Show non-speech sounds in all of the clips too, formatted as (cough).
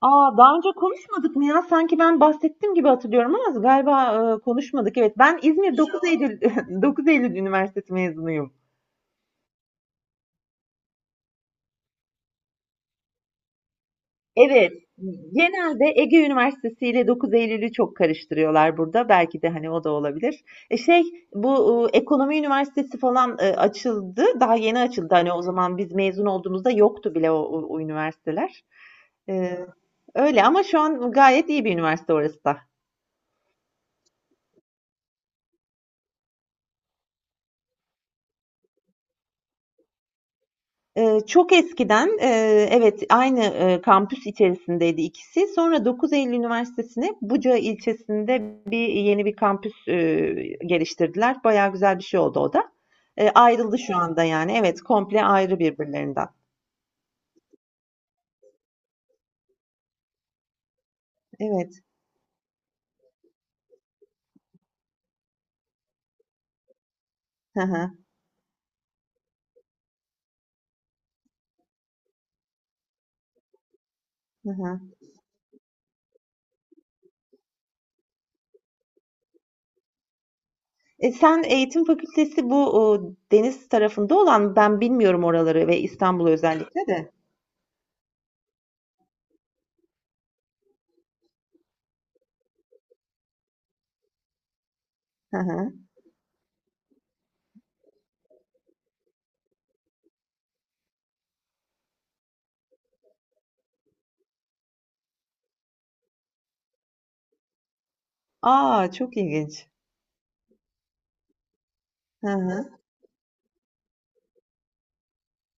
Aa, daha önce konuşmadık mı ya? Sanki ben bahsettim gibi hatırlıyorum ama galiba konuşmadık. Evet, ben İzmir 9 Eylül (laughs) 9 Eylül Üniversitesi mezunuyum. Evet, genelde Ege Üniversitesi ile 9 Eylül'ü çok karıştırıyorlar burada. Belki de hani o da olabilir. E şey, bu Ekonomi Üniversitesi falan açıldı. Daha yeni açıldı. Hani o zaman biz mezun olduğumuzda yoktu bile o üniversiteler. E, öyle ama şu an gayet iyi bir üniversite orası da. Çok eskiden, evet, aynı, kampüs içerisindeydi ikisi. Sonra 9 Eylül Üniversitesi'ne Buca ilçesinde bir yeni bir kampüs, geliştirdiler. Bayağı güzel bir şey oldu o da. Ayrıldı şu anda yani. Evet, komple ayrı birbirlerinden. Evet. Hı hı. Hı hı. Sen eğitim fakültesi bu, deniz tarafında olan, ben bilmiyorum oraları ve İstanbul'u özellikle de. Hı hı. A! Çok ilginç. Hı hı.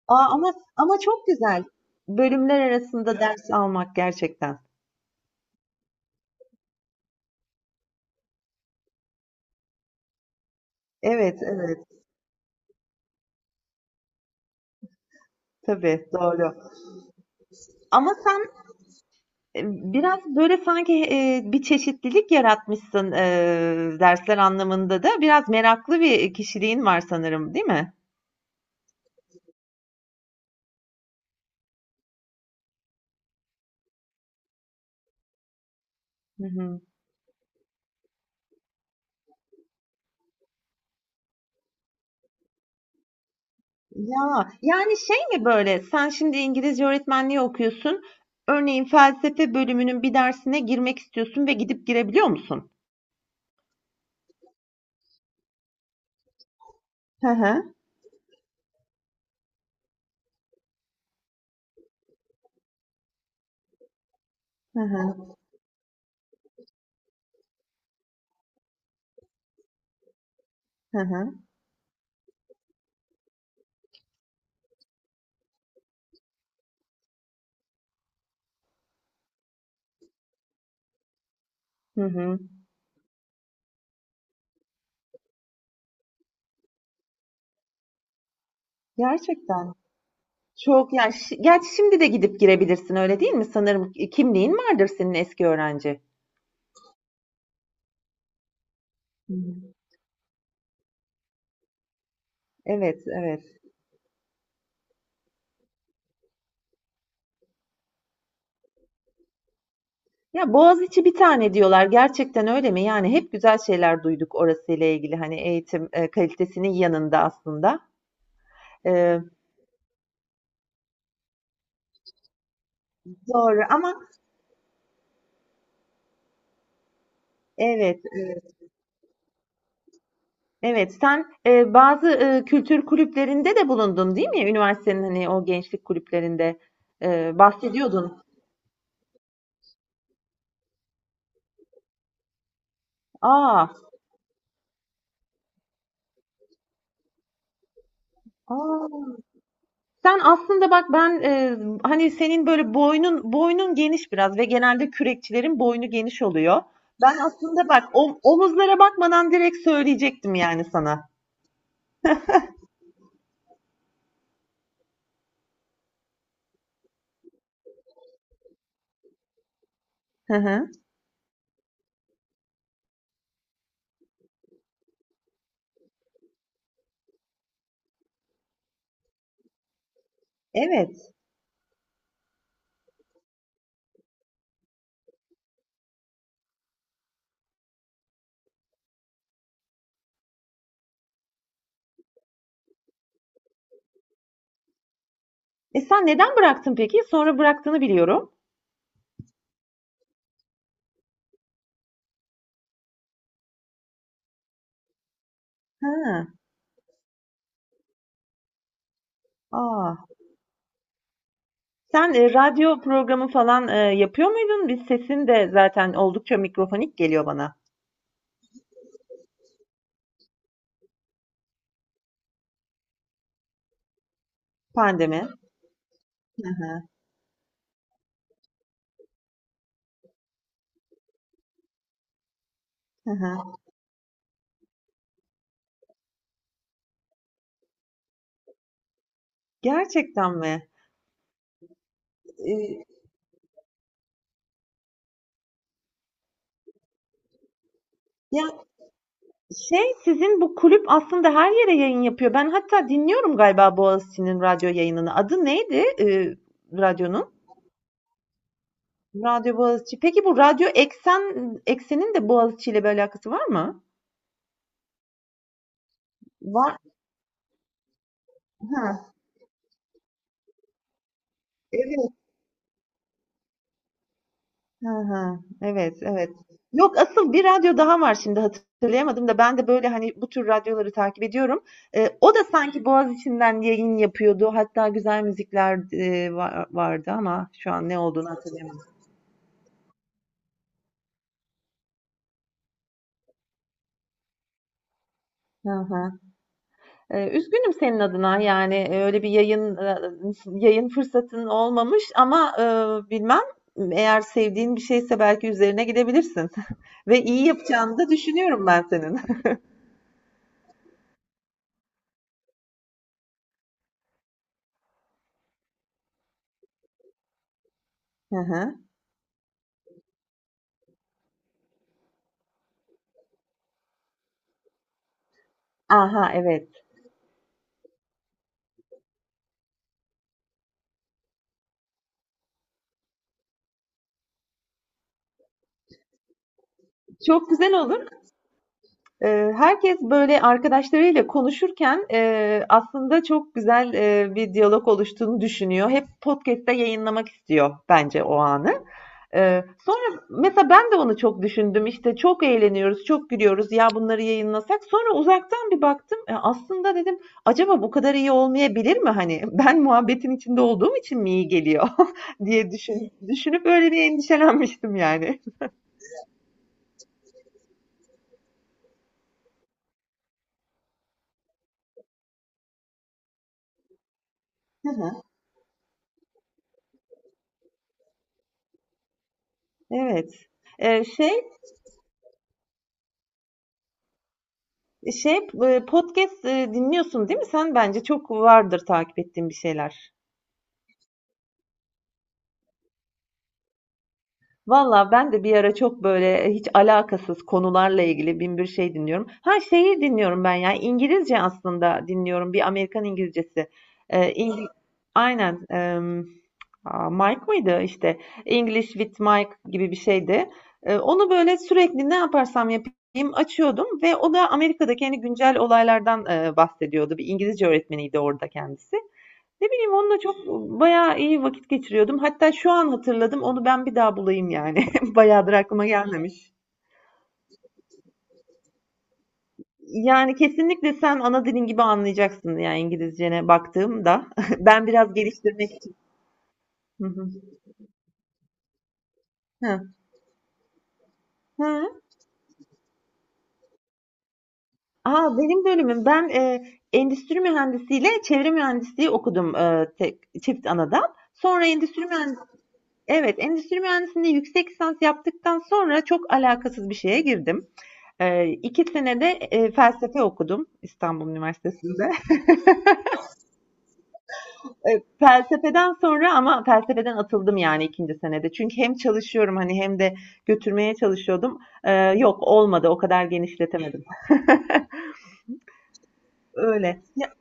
Aa, ama çok güzel. Bölümler arasında evet, ders almak gerçekten. Evet, evet. Tabii, doğru. Ama sen e, biraz böyle sanki bir çeşitlilik yaratmışsın dersler anlamında da. Biraz meraklı bir kişiliğin var sanırım, değil mi? Hı hı. Ya, yani şey mi böyle? Sen şimdi İngilizce öğretmenliği okuyorsun. Örneğin felsefe bölümünün bir dersine girmek istiyorsun ve gidip girebiliyor musun? Hı hı, hı hı, hı hı, hı hı. Gerçekten. Çok yani gerçi şimdi de gidip girebilirsin öyle değil mi? Sanırım kimliğin vardır senin eski öğrenci. Hımm. Evet, evet. Ya, Boğaziçi bir tane diyorlar. Gerçekten öyle mi? Yani hep güzel şeyler duyduk orasıyla ilgili, hani, eğitim, kalitesinin yanında aslında. Eee, doğru ama evet, evet, evet. Sen, bazı, kültür kulüplerinde de bulundun değil mi? Üniversitenin, hani, o gençlik kulüplerinde, bahsediyordun. Aa. A! Sen aslında bak ben, hani, senin böyle boynun geniş biraz ve genelde kürekçilerin boynu geniş oluyor. Ben aslında bak omuzlara bakmadan direkt söyleyecektim yani sana. Hı hı. Evet. Sen neden bıraktın peki? Sonra bıraktığını biliyorum. Ha. A! Sen, radyo programı falan, yapıyor muydun? Biz sesin de zaten oldukça mikrofonik geliyor bana. Pandemi. Hı hı. Gerçekten mi? Eee, ya şey, sizin bu kulüp aslında her yere yayın yapıyor. Ben hatta dinliyorum galiba Boğaziçi'nin radyo yayınını. Adı neydi, radyonun? Radyo Boğaziçi. Peki bu Radyo Eksen'in de Boğaziçi ile bir alakası var mı? Var. Ha, evet. Ha, ha. Evet, evet. Yok, asıl bir radyo daha var, şimdi hatırlayamadım da ben de böyle hani bu tür radyoları takip ediyorum. O da sanki Boğaziçi'nden yayın yapıyordu. Hatta güzel müzikler vardı ama şu an ne olduğunu hatırlayamadım. Hı hı. Üzgünüm senin adına, yani, öyle bir yayın, yayın fırsatın olmamış ama, bilmem, eğer sevdiğin bir şeyse belki üzerine gidebilirsin (laughs) ve iyi yapacağını da düşünüyorum ben senin. (laughs) Hı hı. Aha, evet. Çok güzel olur. Herkes, böyle, arkadaşlarıyla konuşurken, aslında çok güzel, bir diyalog oluştuğunu düşünüyor. Hep podcast'te yayınlamak istiyor bence o anı. Sonra mesela ben de onu çok düşündüm. İşte çok eğleniyoruz, çok gülüyoruz. Ya bunları yayınlasak. Sonra uzaktan bir baktım. Aslında dedim acaba bu kadar iyi olmayabilir mi? Hani (laughs) ben muhabbetin içinde olduğum için mi iyi geliyor (laughs) diye düşünüp öyle bir endişelenmiştim yani. Hı hı. Evet. Eee, şey şey podcast dinliyorsun değil mi? Sen bence çok vardır takip ettiğin bir şeyler. Valla ben de bir ara çok böyle hiç alakasız konularla ilgili bin bir şey dinliyorum. Ha şeyi dinliyorum ben ya, İngilizce aslında dinliyorum, bir Amerikan İngilizcesi. Ee, İngi- Aynen. Mike mıydı işte, English with Mike gibi bir şeydi. Onu böyle sürekli ne yaparsam yapayım açıyordum ve o da Amerika'daki hani güncel olaylardan bahsediyordu. Bir İngilizce öğretmeniydi orada kendisi. Ne bileyim onunla çok bayağı iyi vakit geçiriyordum. Hatta şu an hatırladım. Onu ben bir daha bulayım yani. (laughs) Bayağıdır aklıma gelmemiş. Yani kesinlikle sen ana dilin gibi anlayacaksın yani, İngilizcene baktığımda. (laughs) Ben biraz geliştirmek için. Hı hı. Hı. Hı. Aa, benim bölümüm. Ben endüstri mühendisiyle çevre mühendisliği okudum, tek, çift anadan. Sonra evet, endüstri mühendisliğinde yüksek lisans yaptıktan sonra çok alakasız bir şeye girdim. Eee, sene de, felsefe okudum İstanbul Üniversitesi'nde. (laughs) Felsefeden sonra ama felsefeden atıldım yani, 2. senede. Çünkü hem çalışıyorum hani hem de götürmeye çalışıyordum. Yok, olmadı, o kadar genişletemedim. Öyle.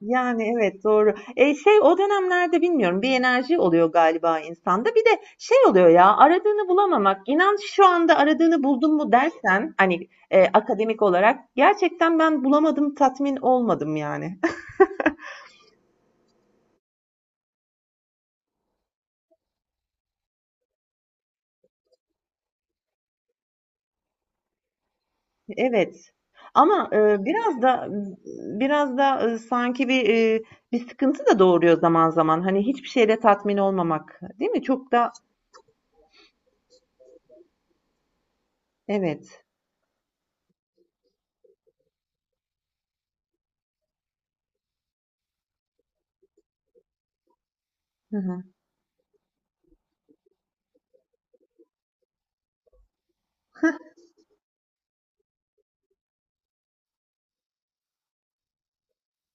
Yani evet, doğru. Şey o dönemlerde bilmiyorum, bir enerji oluyor galiba insanda. Bir de şey oluyor ya, aradığını bulamamak. İnan şu anda aradığını buldun mu dersen, hani akademik olarak gerçekten ben bulamadım, tatmin olmadım yani. Evet. Ama, biraz da sanki bir, bir sıkıntı da doğuruyor zaman zaman. Hani, hiçbir şeyle tatmin olmamak, değil mi? Çok da. Evet. Hı hı.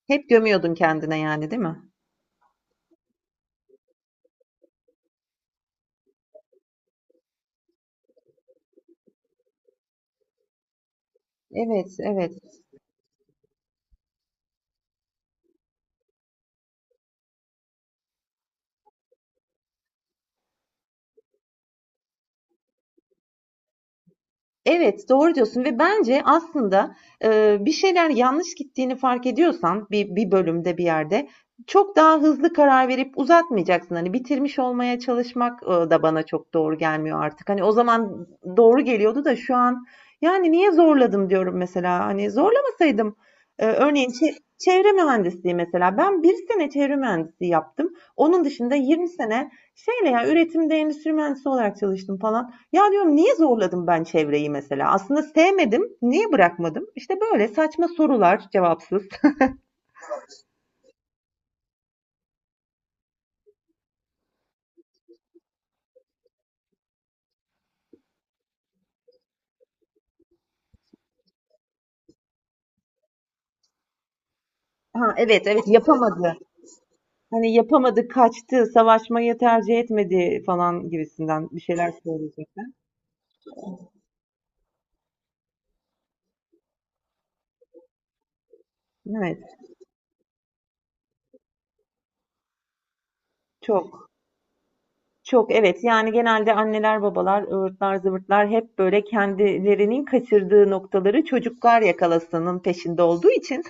Hep gömüyordun kendine yani, değil mi? Evet, evet. Evet, doğru diyorsun ve bence aslında, bir şeyler yanlış gittiğini fark ediyorsan bir bölümde, bir yerde çok daha hızlı karar verip uzatmayacaksın. Hani bitirmiş olmaya çalışmak, da bana çok doğru gelmiyor artık. Hani o zaman doğru geliyordu da şu an, yani, niye zorladım diyorum mesela. Hani zorlamasaydım, örneğin çevre mühendisliği mesela. Ben bir sene çevre mühendisliği yaptım. Onun dışında 20 sene şeyle ya, üretimde endüstri mühendisi olarak çalıştım falan. Ya diyorum niye zorladım ben çevreyi mesela? Aslında sevmedim. Niye bırakmadım? İşte böyle saçma sorular cevapsız. Ha evet, evet, yapamadı. Hani yapamadı, kaçtı, savaşmayı tercih etmedi falan gibisinden bir şeyler söyleyecek. Evet, çok çok evet, yani genelde anneler babalar ıvırtlar zıvırtlar hep böyle kendilerinin kaçırdığı noktaları çocuklar yakalasının peşinde olduğu için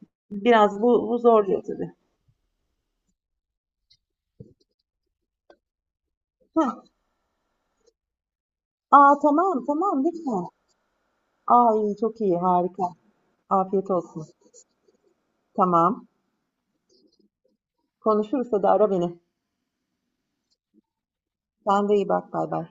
(laughs) biraz bu zorluyor tabii. Heh. Aa, tamam, tamam, lütfen. Ay, çok iyi, harika. Afiyet olsun. Tamam. Konuşuruz, hadi ara beni. Sen de iyi bak. Bay bay.